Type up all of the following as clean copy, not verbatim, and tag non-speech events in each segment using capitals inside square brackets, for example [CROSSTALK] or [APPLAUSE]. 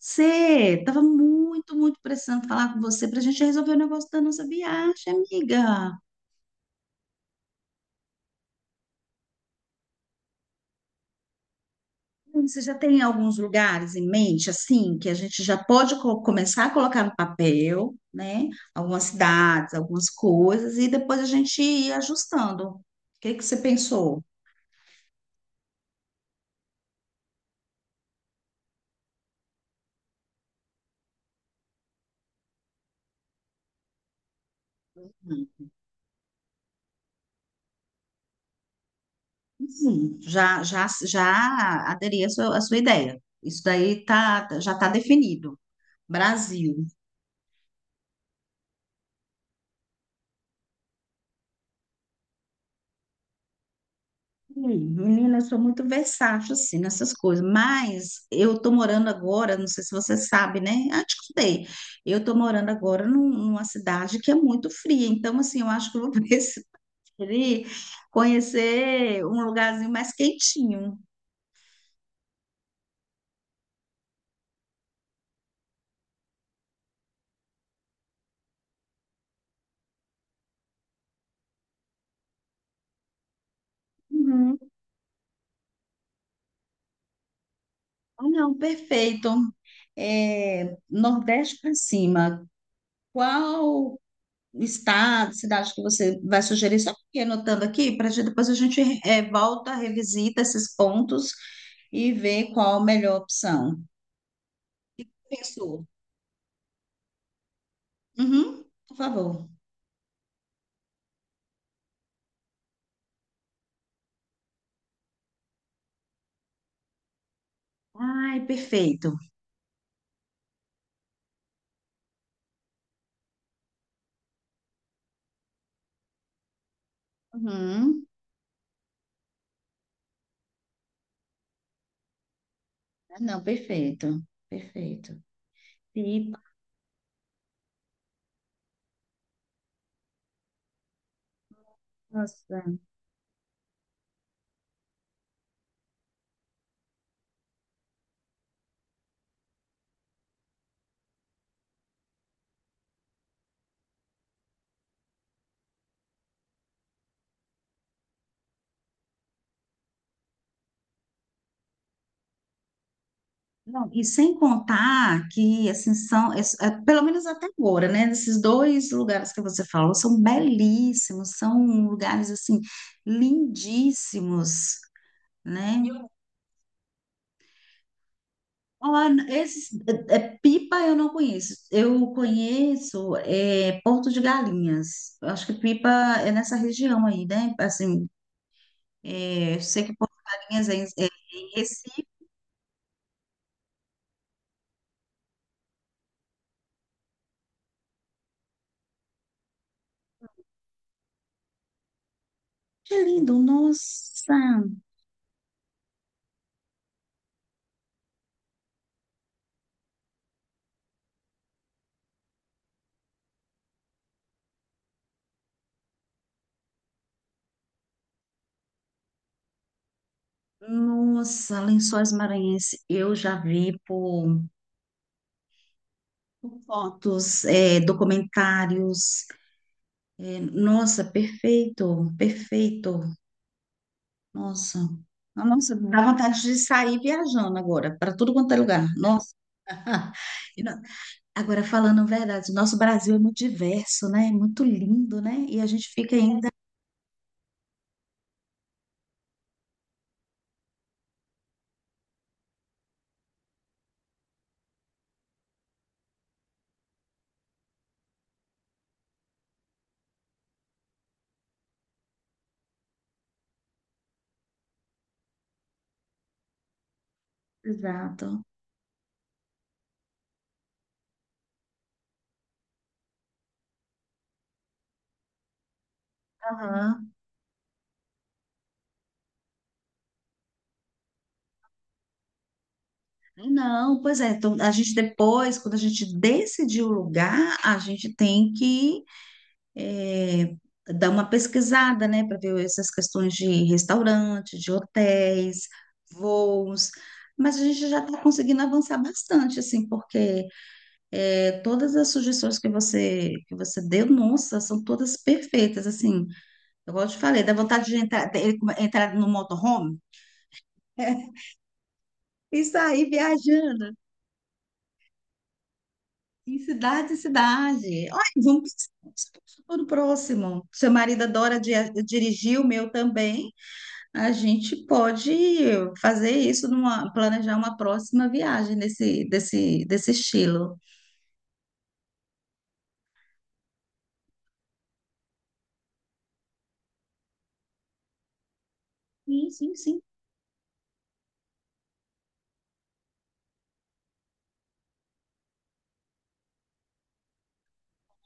Você estava muito precisando falar com você para a gente resolver o negócio da nossa viagem, amiga. Você já tem alguns lugares em mente, assim, que a gente já pode começar a colocar no papel, né? Algumas cidades, algumas coisas, e depois a gente ir ajustando. O que que você pensou? Já aderi à sua ideia. Isso daí já está definido. Brasil. Sim. Menina, eu sou muito versátil, assim, nessas coisas, mas eu tô morando agora, não sei se você sabe, né? Ah, te contei. Eu tô morando agora numa cidade que é muito fria, então, assim, eu acho que eu vou [LAUGHS] preferir conhecer um lugarzinho mais quentinho. Uhum. Ah, não, perfeito. É, Nordeste para cima, qual estado, cidade que você vai sugerir? Só porque anotando aqui, para depois a gente volta, revisita esses pontos e ver qual a melhor opção. Pensou. Uhum, por favor. Ai, perfeito. Uhum. Ah, não, perfeito, perfeito. E, nossa, não, e sem contar que, assim, são, pelo menos até agora, né? Esses dois lugares que você falou são belíssimos, são lugares, assim, lindíssimos, né? Olha, esses, Pipa eu não conheço. Eu conheço Porto de Galinhas. Eu acho que Pipa é nessa região aí, né? Assim, é, eu sei que Porto de Galinhas é em Recife. Que lindo, nossa! Nossa, Lençóis Maranhenses. Eu já vi por fotos, é, documentários. É, nossa, perfeito, perfeito. Nossa. Nossa, dá vontade de sair viajando agora, para tudo quanto é lugar. [LAUGHS] Ah, e não. Agora, falando a verdade, nosso Brasil é muito diverso, né? Muito lindo, né? E a gente fica ainda. Exato. Aham. Não, pois é. Então, a gente depois, quando a gente decidir o lugar, a gente tem que eh, dar uma pesquisada, né? Para ver essas questões de restaurante, de hotéis, voos. Mas a gente já está conseguindo avançar bastante, assim, porque. É, todas as sugestões que você deu, nossa, são todas perfeitas, assim. Eu gosto de falei, dá vontade de entrar, entrar no motorhome [LAUGHS] e sair viajando em cidade em cidade. Olha, vamos para o próximo. Seu marido adora dirigir, o meu também. A gente pode fazer isso numa, planejar uma próxima viagem desse estilo. Sim, sim, sim,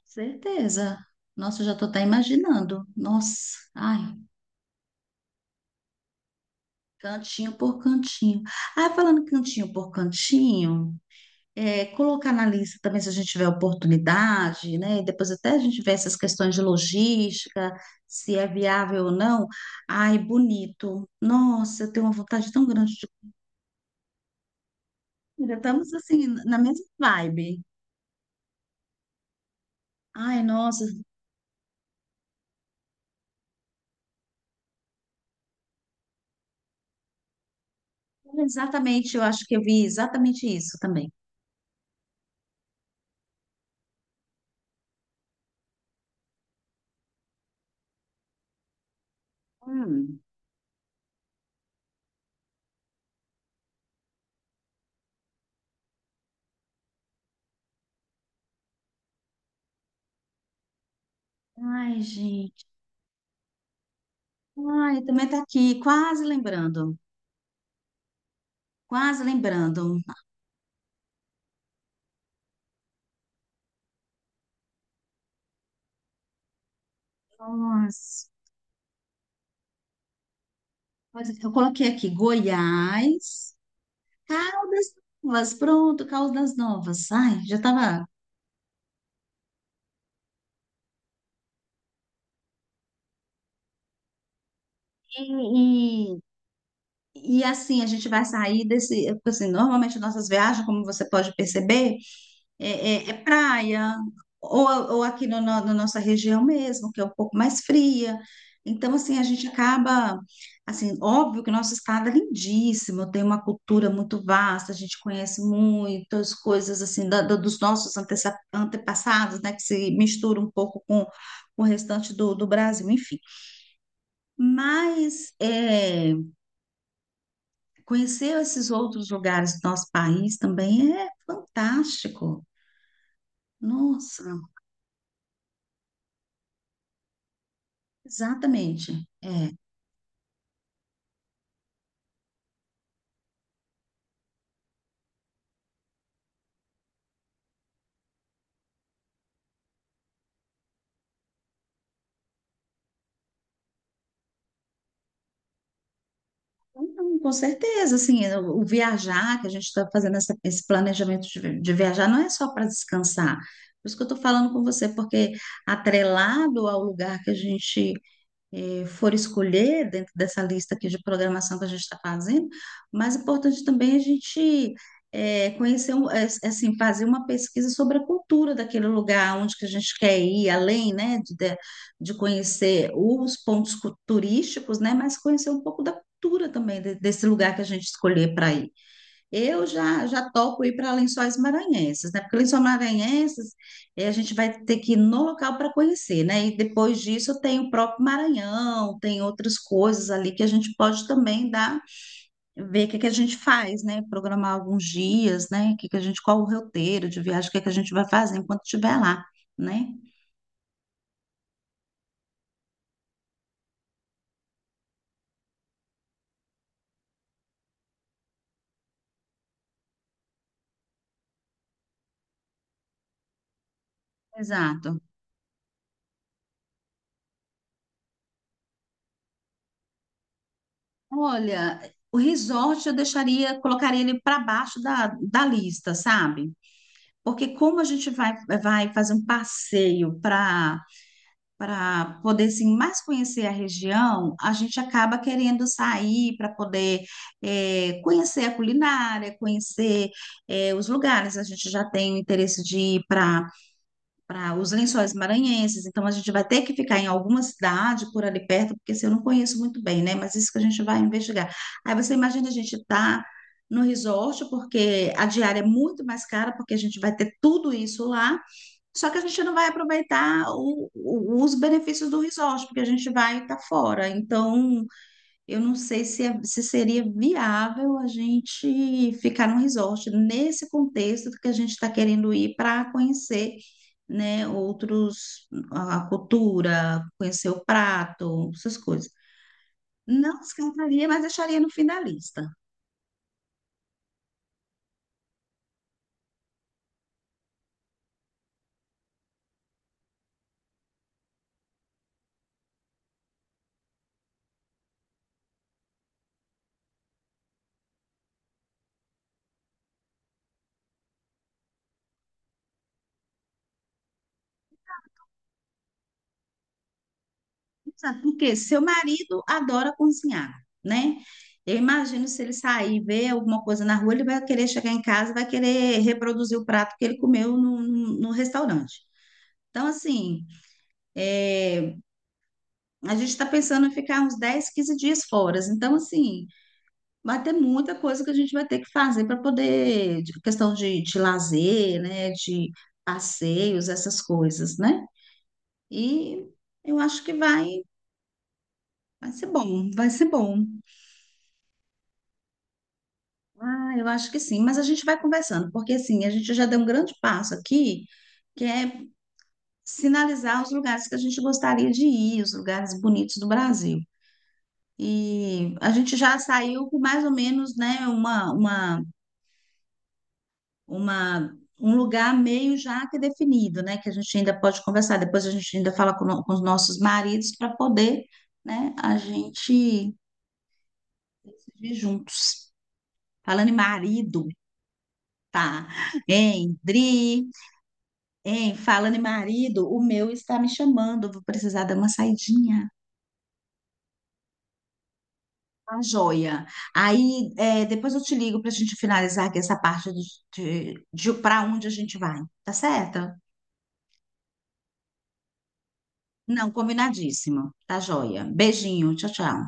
certeza. Nossa, eu já estou até imaginando. Nossa, ai. Cantinho por cantinho. Ah, falando cantinho por cantinho, é, colocar na lista também se a gente tiver oportunidade, né? Depois até a gente vê essas questões de logística, se é viável ou não. Ai, bonito. Nossa, eu tenho uma vontade tão grande de comer. Estamos assim, na mesma vibe. Ai, nossa, exatamente, eu acho que eu vi exatamente isso também. Hum. Ai, gente. Ai, também tá aqui, quase lembrando. Quase lembrando. Nossa. Pode. Eu coloquei aqui Goiás, Caldas Novas, pronto, Caldas Novas. Ai, já estava. E, e, e assim, a gente vai sair desse. Assim, normalmente, nossas viagens, como você pode perceber, é, é praia, ou, ou aqui na nossa região mesmo, que é um pouco mais fria. Então, assim, a gente acaba, assim, óbvio que o nosso estado é lindíssimo, tem uma cultura muito vasta, a gente conhece muitas coisas, assim, dos nossos antepassados, né, que se mistura um pouco com o restante do Brasil, enfim. Mas é, conhecer esses outros lugares do nosso país também é fantástico. Nossa. Exatamente. É. Então, com certeza, assim, o viajar, que a gente está fazendo esse planejamento de, de viajar, não é só para descansar. Por isso que eu estou falando com você, porque atrelado ao lugar que a gente for escolher dentro dessa lista aqui de programação que a gente está fazendo, o mais importante também é a gente conhecer, assim, fazer uma pesquisa sobre a cultura daquele lugar, onde que a gente quer ir, além, né, de conhecer os pontos turísticos, né, mas conhecer um pouco da cultura também desse lugar que a gente escolher para ir. Eu já topo ir para Lençóis Maranhenses, né? Porque Lençóis Maranhenses a gente vai ter que ir no local para conhecer, né? E depois disso tem o próprio Maranhão, tem outras coisas ali que a gente pode também dar, ver o que é que a gente faz, né? Programar alguns dias, né? O que é que a gente, qual o roteiro de viagem, o que é que a gente vai fazer enquanto estiver lá, né? Exato. Olha, o resort eu deixaria, colocaria ele para baixo da lista, sabe? Porque como a gente vai fazer um passeio para para poder assim, mais conhecer a região, a gente acaba querendo sair para poder conhecer a culinária, conhecer os lugares. A gente já tem o interesse de ir para os Lençóis Maranhenses. Então, a gente vai ter que ficar em alguma cidade por ali perto, porque se eu não conheço muito bem, né? Mas isso que a gente vai investigar. Aí você imagina a gente tá no resort, porque a diária é muito mais cara, porque a gente vai ter tudo isso lá, só que a gente não vai aproveitar os benefícios do resort, porque a gente vai estar fora. Então, eu não sei se, se seria viável a gente ficar num resort nesse contexto que a gente está querendo ir para conhecer, né, outros, a cultura, conhecer o prato, essas coisas. Não descartaria, mas deixaria no fim da lista. Sabe por quê? Seu marido adora cozinhar, né? Eu imagino se ele sair e ver alguma coisa na rua, ele vai querer chegar em casa, vai querer reproduzir o prato que ele comeu no restaurante. Então, assim. A gente está pensando em ficar uns 10, 15 dias fora. Então, assim, vai ter muita coisa que a gente vai ter que fazer para poder, questão de lazer, né? De passeios, essas coisas, né? E eu acho vai ser bom, vai ser bom. Ah, eu acho que sim, mas a gente vai conversando, porque assim, a gente já deu um grande passo aqui, que é sinalizar os lugares que a gente gostaria de ir, os lugares bonitos do Brasil. E a gente já saiu com mais ou menos, né, uma, um lugar meio já que definido, né? Que a gente ainda pode conversar. Depois a gente ainda fala com, no- com os nossos maridos para poder, né? A gente decidir juntos. Falando em marido, tá? Hein, Dri? Hein, falando em marido, o meu está me chamando. Vou precisar dar uma saidinha. Tá joia. Aí, é, depois eu te ligo para a gente finalizar aqui essa parte de, de para onde a gente vai, tá certo? Não, combinadíssimo. Tá joia. Beijinho. Tchau, tchau.